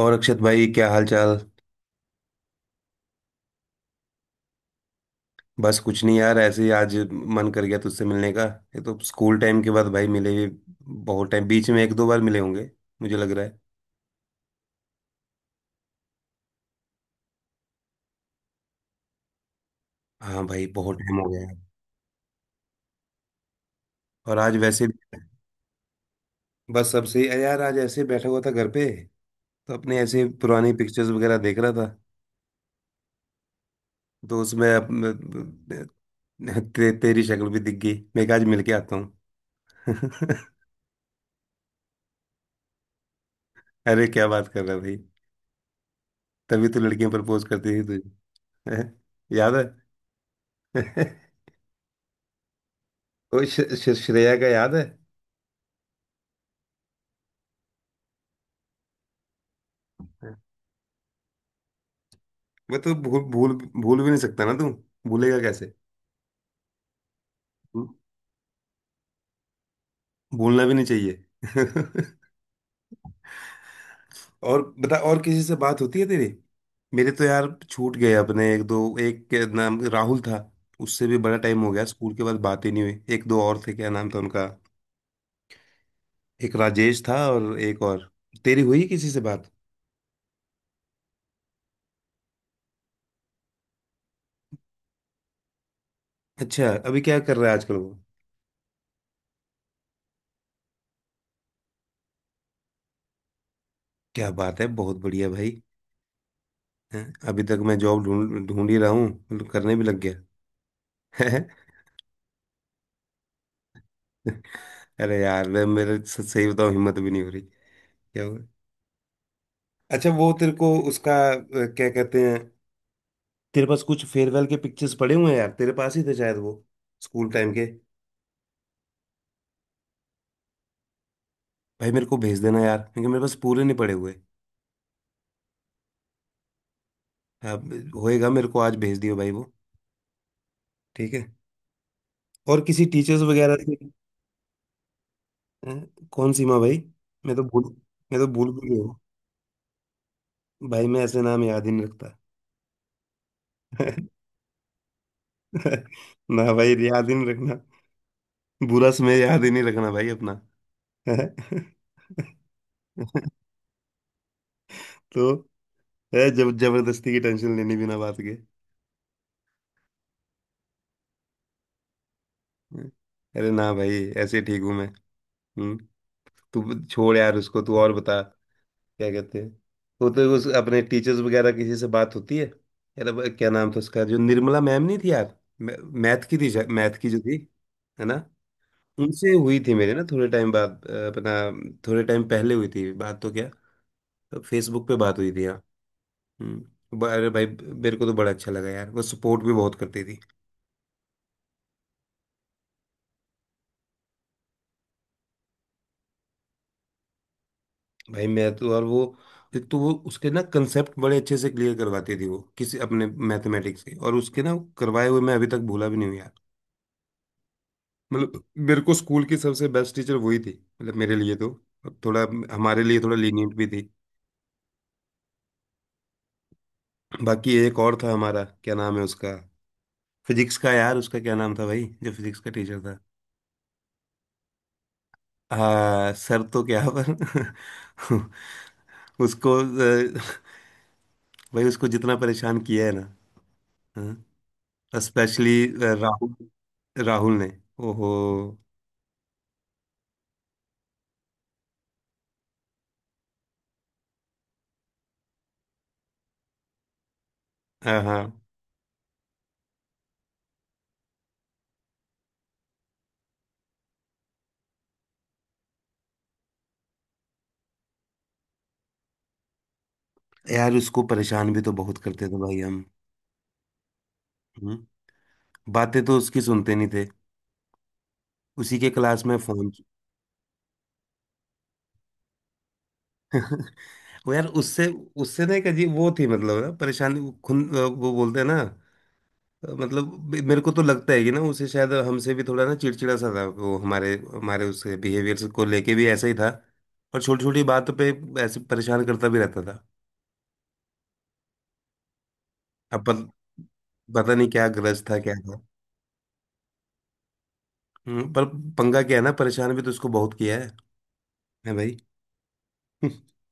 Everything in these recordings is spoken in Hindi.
और अक्षत भाई क्या हाल चाल। बस कुछ नहीं यार, ऐसे ही आज मन कर गया तुझसे मिलने का। ये तो स्कूल टाइम के बाद भाई मिले भी, बहुत टाइम बीच में एक दो बार मिले होंगे मुझे लग रहा है। हाँ भाई बहुत टाइम हो गया यार। और आज वैसे भी बस सबसे यार, आज ऐसे ही बैठा हुआ था घर पे, तो अपने ऐसे पुरानी पिक्चर्स वगैरह देख रहा था। तो उसमें तेरी शक्ल भी दिख गई, मैं कहा आज मिलके आता हूँ। अरे क्या बात कर रहा है भाई, तभी तो लड़कियां प्रपोज करती थी तुझे। याद है? वो श, श, श्रेया का याद है। मैं तो भूल भूल भूल भी नहीं सकता, ना तू भूलेगा कैसे। भूलना भी नहीं चाहिए। और बता, और किसी से बात होती है तेरी? मेरे तो यार छूट गए अपने, एक दो, एक के नाम राहुल था, उससे भी बड़ा टाइम हो गया, स्कूल के बाद बात ही नहीं हुई। एक दो और थे, क्या नाम था उनका, एक राजेश था और एक और। तेरी हुई किसी से बात? अच्छा, अभी क्या कर रहा है आजकल वो? क्या बात है, बहुत बढ़िया भाई। हैं? अभी तक मैं जॉब ढूंढ ढूंढ ही रहा हूँ, मतलब करने भी लग गया। अरे यार मैं, मेरे सही बताऊं हिम्मत भी नहीं हो रही। क्या हुआ? अच्छा, वो तेरे को उसका क्या कहते हैं, तेरे पास कुछ फेयरवेल के पिक्चर्स पड़े हुए हैं यार, तेरे पास ही थे शायद वो स्कूल टाइम के। भाई मेरे को भेज देना यार, क्योंकि मेरे पास पूरे नहीं पड़े हुए। अब होएगा मेरे को आज भेज दियो भाई वो। ठीक है। और किसी टीचर्स वगैरह से। अ, कौन सी माँ भाई, मैं तो भूल, मैं तो भूल भी गया हूँ। भाई मैं ऐसे नाम याद ही नहीं रखता। ना भाई, याद ही नहीं रखना, बुरा समय याद ही नहीं रखना भाई अपना। तो है, जब जबरदस्ती की टेंशन लेनी बिना बात के। हम्म। अरे ना भाई, ऐसे ठीक हूँ मैं। हम्म। तू छोड़ यार उसको, तू और बता। क्या कहते हैं, तो उस, अपने टीचर्स वगैरह किसी से बात होती है? यार अब क्या नाम था उसका, जो निर्मला मैम नहीं थी यार, मैथ की थी, मैथ की जो थी, है ना। उनसे हुई थी मेरे ना थोड़े टाइम बाद, अपना थोड़े टाइम पहले हुई थी बात तो, क्या फेसबुक पे बात हुई थी, हाँ। अरे भाई मेरे को तो बड़ा अच्छा लगा यार, वो सपोर्ट भी बहुत करती थी। भाई मैं तो, और वो एक तो वो उसके ना कंसेप्ट बड़े अच्छे से क्लियर करवाती थी, वो किसी अपने मैथमेटिक्स के, और उसके ना करवाए हुए मैं अभी तक भूला भी नहीं हूँ यार। मतलब मेरे को स्कूल की सबसे बेस्ट टीचर वही थी, मतलब मेरे लिए तो। अब थोड़ा हमारे लिए थोड़ा लीनियंट भी थी। बाकी एक और था हमारा, क्या नाम है उसका, फिजिक्स का, यार उसका क्या नाम था भाई जो फिजिक्स का टीचर था। हाँ सर, तो क्या पर। उसको भाई उसको जितना परेशान किया है ना। हाँ। स्पेशली राहुल, राहुल ने। ओहो। हाँ हाँ। यार उसको परेशान भी तो बहुत करते थे भाई हम। हम्म। बातें तो उसकी सुनते नहीं थे, उसी के क्लास में फोन। वो यार उससे, उससे ना एक अजीब वो थी मतलब ना, परेशानी वो खुन वो बोलते हैं ना। मतलब मेरे को तो लगता है कि ना उसे शायद हमसे भी थोड़ा ना चिड़चिड़ा सा था वो, हमारे हमारे उसके बिहेवियर को लेके भी ऐसा ही था। और छोटी छोटी बातों पे ऐसे परेशान करता भी रहता था। अब पत- पता नहीं क्या ग्रज था क्या। पर पंगा क्या है ना, परेशान भी तो उसको बहुत किया है भाई।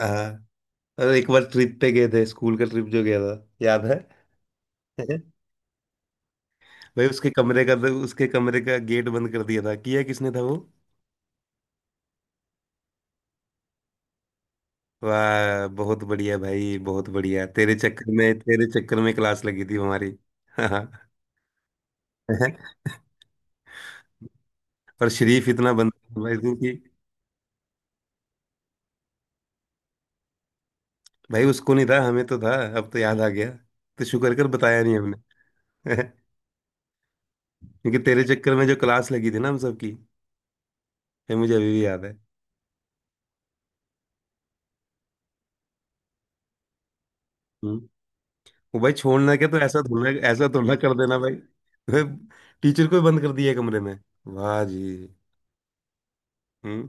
हाँ। और एक बार ट्रिप पे गए थे, स्कूल का ट्रिप जो गया था, याद है? भाई उसके कमरे का, उसके कमरे का गेट बंद कर दिया था, किया किसने था वो। वाह बहुत बढ़िया भाई, बहुत बढ़िया, तेरे चक्कर में, तेरे चक्कर में क्लास लगी थी हमारी। हाँ। पर शरीफ इतना बंदा था भाई क्योंकि, भाई उसको नहीं था, हमें तो था, अब तो याद आ गया। तो शुक्र कर बताया नहीं हमने। क्योंकि तेरे चक्कर में जो क्लास लगी थी ना हम सबकी, ये मुझे अभी भी याद है। हम्म। वो भाई छोड़ना क्या, तो ऐसा थोड़ा, ऐसा थोड़ा कर देना भाई। भाई टीचर को ही बंद कर दिया कमरे में, वाह जी। हम्म।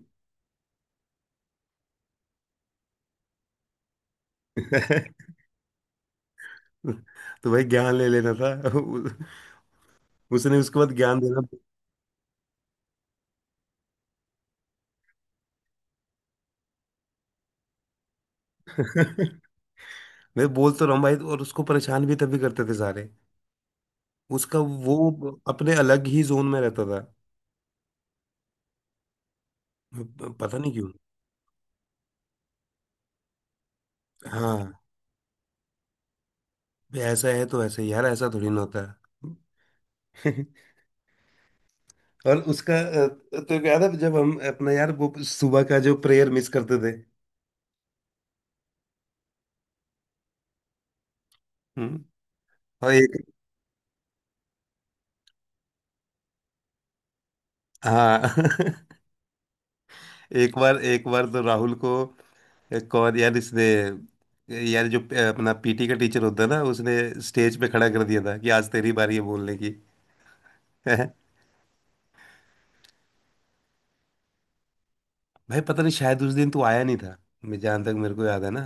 तो भाई ज्ञान ले लेना था। उसने उसके बाद ज्ञान देना था। मैं बोल तो रहा हूँ भाई, और उसको परेशान भी तभी करते थे सारे उसका। वो अपने अलग ही जोन में रहता था, पता नहीं क्यों। हाँ। भाई ऐसा है तो ऐसा ही यार, ऐसा थोड़ी ना होता है। और उसका तो याद है जब हम अपना यार वो सुबह का जो प्रेयर मिस करते थे। हम्म। और एक, हाँ। एक बार, एक बार तो राहुल को, एक और यार इसने, यार जो अपना पीटी का टीचर होता है ना, उसने स्टेज पे खड़ा कर दिया था कि आज तेरी बारी है बोलने की। भाई पता नहीं शायद उस दिन तू आया नहीं था। मैं जहाँ तक मेरे को याद है ना,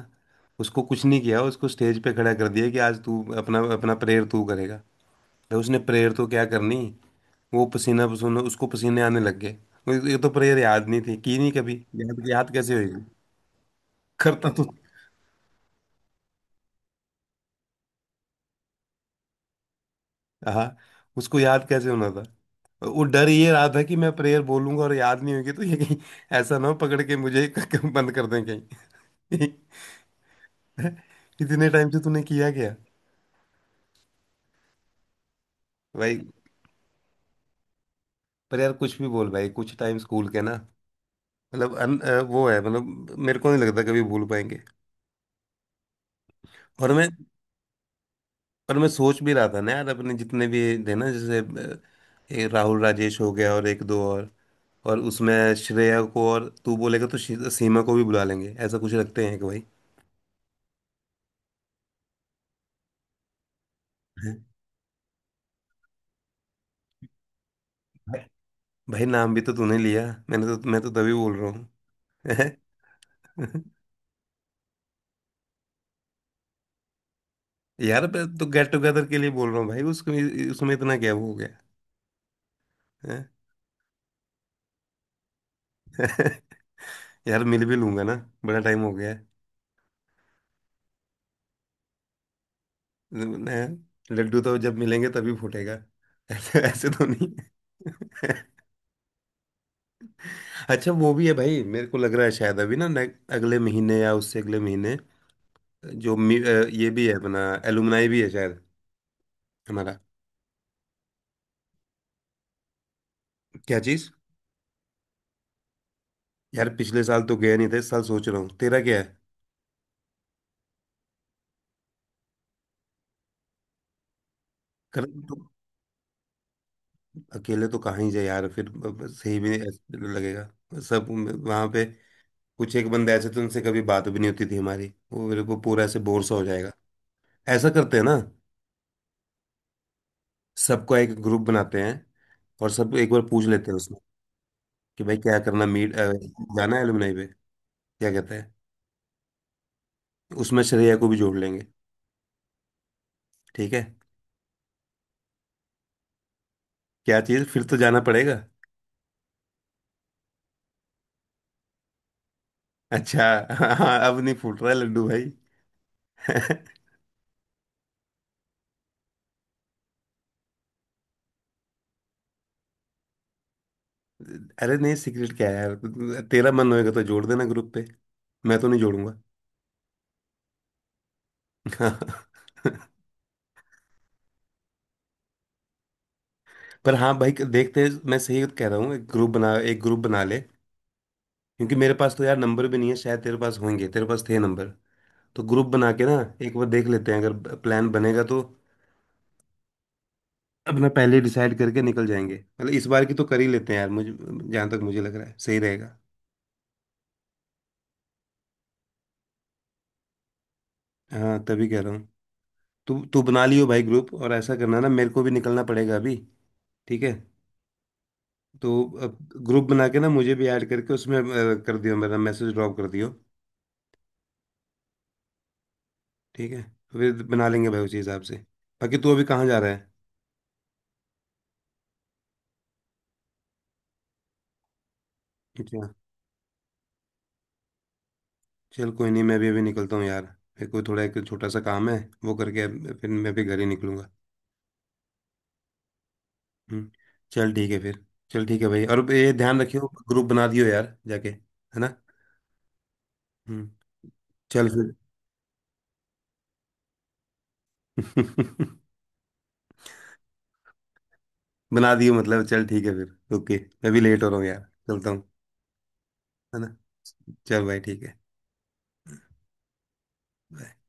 उसको कुछ नहीं किया, उसको स्टेज पे खड़ा कर दिया कि आज तू अपना, अपना प्रेयर तू करेगा। तो उसने प्रेयर तो क्या करनी, वो पसीना पसीना, उसको पसीने आने लग गए। ये तो प्रेयर याद नहीं थी की नहीं कभी, याद याद कैसे होगी, करता तो। हाँ, उसको याद कैसे होना था। वो डर ये रहा था कि मैं प्रेयर बोलूंगा और याद नहीं होगी तो ये कहीं ऐसा ना हो पकड़ के मुझे बंद कर दें कहीं। इतने टाइम से तूने किया क्या भाई। पर यार कुछ भी बोल भाई, कुछ टाइम स्कूल के ना, मतलब वो है, मतलब मेरे को नहीं लगता कभी भूल पाएंगे। और मैं, पर मैं सोच भी रहा था ना यार, अपने जितने भी थे ना, जैसे ये राहुल राजेश हो गया, और एक दो और उसमें श्रेया को और तू बोलेगा तो सीमा को भी बुला लेंगे, ऐसा कुछ रखते हैं कि भाई। भाई, भाई नाम भी तो तूने लिया, मैं तो तभी बोल रहा हूँ। यार मैं तो गेट टुगेदर के लिए बोल रहा हूँ भाई, उसमें उसमें इतना क्या वो हो गया। हैं? यार मिल भी लूंगा ना, बड़ा टाइम हो गया है। हैं? लड्डू तो जब मिलेंगे तभी फूटेगा। ऐसे ऐसे तो नहीं। अच्छा वो भी है भाई, मेरे को लग रहा है शायद अभी ना अगले महीने या उससे अगले महीने, जो ये भी है अपना, एलुमनाई भी है शायद हमारा। क्या चीज। यार पिछले साल तो गया नहीं था, इस साल सोच रहा हूँ, तेरा क्या है? कर तो, अकेले तो कहाँ ही जाए यार, फिर अब सही भी ऐसे लगेगा। सब वहां पे, कुछ एक बंदे ऐसे थे उनसे कभी बात भी नहीं होती थी हमारी, वो मेरे को पूरा ऐसे बोर सा हो जाएगा। ऐसा करते हैं ना, सबका एक ग्रुप बनाते हैं, और सब एक बार पूछ लेते हैं उसमें कि भाई क्या करना, मीट जाना है एलुमनाई पे, क्या कहते हैं। उसमें श्रेया को भी जोड़ लेंगे। ठीक है। क्या चीज, फिर तो जाना पड़ेगा। अच्छा। हाँ, अब नहीं फूट रहा है लड्डू भाई। अरे नहीं, सीक्रेट क्या है यार, तेरा मन होएगा तो जोड़ देना ग्रुप पे, मैं तो नहीं जोड़ूंगा। पर हाँ भाई, देखते हैं, मैं सही कह रहा हूँ, एक ग्रुप बना, एक ग्रुप बना ले। क्योंकि मेरे पास तो यार नंबर भी नहीं है शायद, तेरे पास होंगे, तेरे पास थे नंबर। तो ग्रुप बना के ना एक बार देख लेते हैं, अगर प्लान बनेगा तो अपना पहले डिसाइड करके निकल जाएंगे। मतलब इस बार की तो कर ही लेते हैं यार, मुझे जहाँ तक मुझे लग रहा है सही रहेगा। हाँ तभी कह रहा हूँ, तू तू बना लियो भाई ग्रुप, और ऐसा करना ना, मेरे को भी निकलना पड़ेगा अभी। ठीक है। तो अब ग्रुप बना के ना मुझे भी ऐड करके उसमें, कर दियो, मेरा मैसेज ड्रॉप कर दियो। ठीक है, फिर बना लेंगे भाई उसी हिसाब से। बाकी तू अभी कहाँ जा रहा है? अच्छा। चल कोई नहीं, मैं भी अभी निकलता हूँ यार, मेरे को थोड़ा एक छोटा सा काम है, वो करके फिर मैं भी घर ही निकलूंगा। हम्म। चल ठीक है फिर, चल ठीक है भाई, और ये ध्यान रखियो ग्रुप बना दियो यार जाके, है ना। हम्म। चल फिर। बना दियो मतलब, चल ठीक है फिर, ओके, मैं भी लेट हो रहा हूँ यार, चलता हूँ, है ना, चल भाई ठीक है। Bye.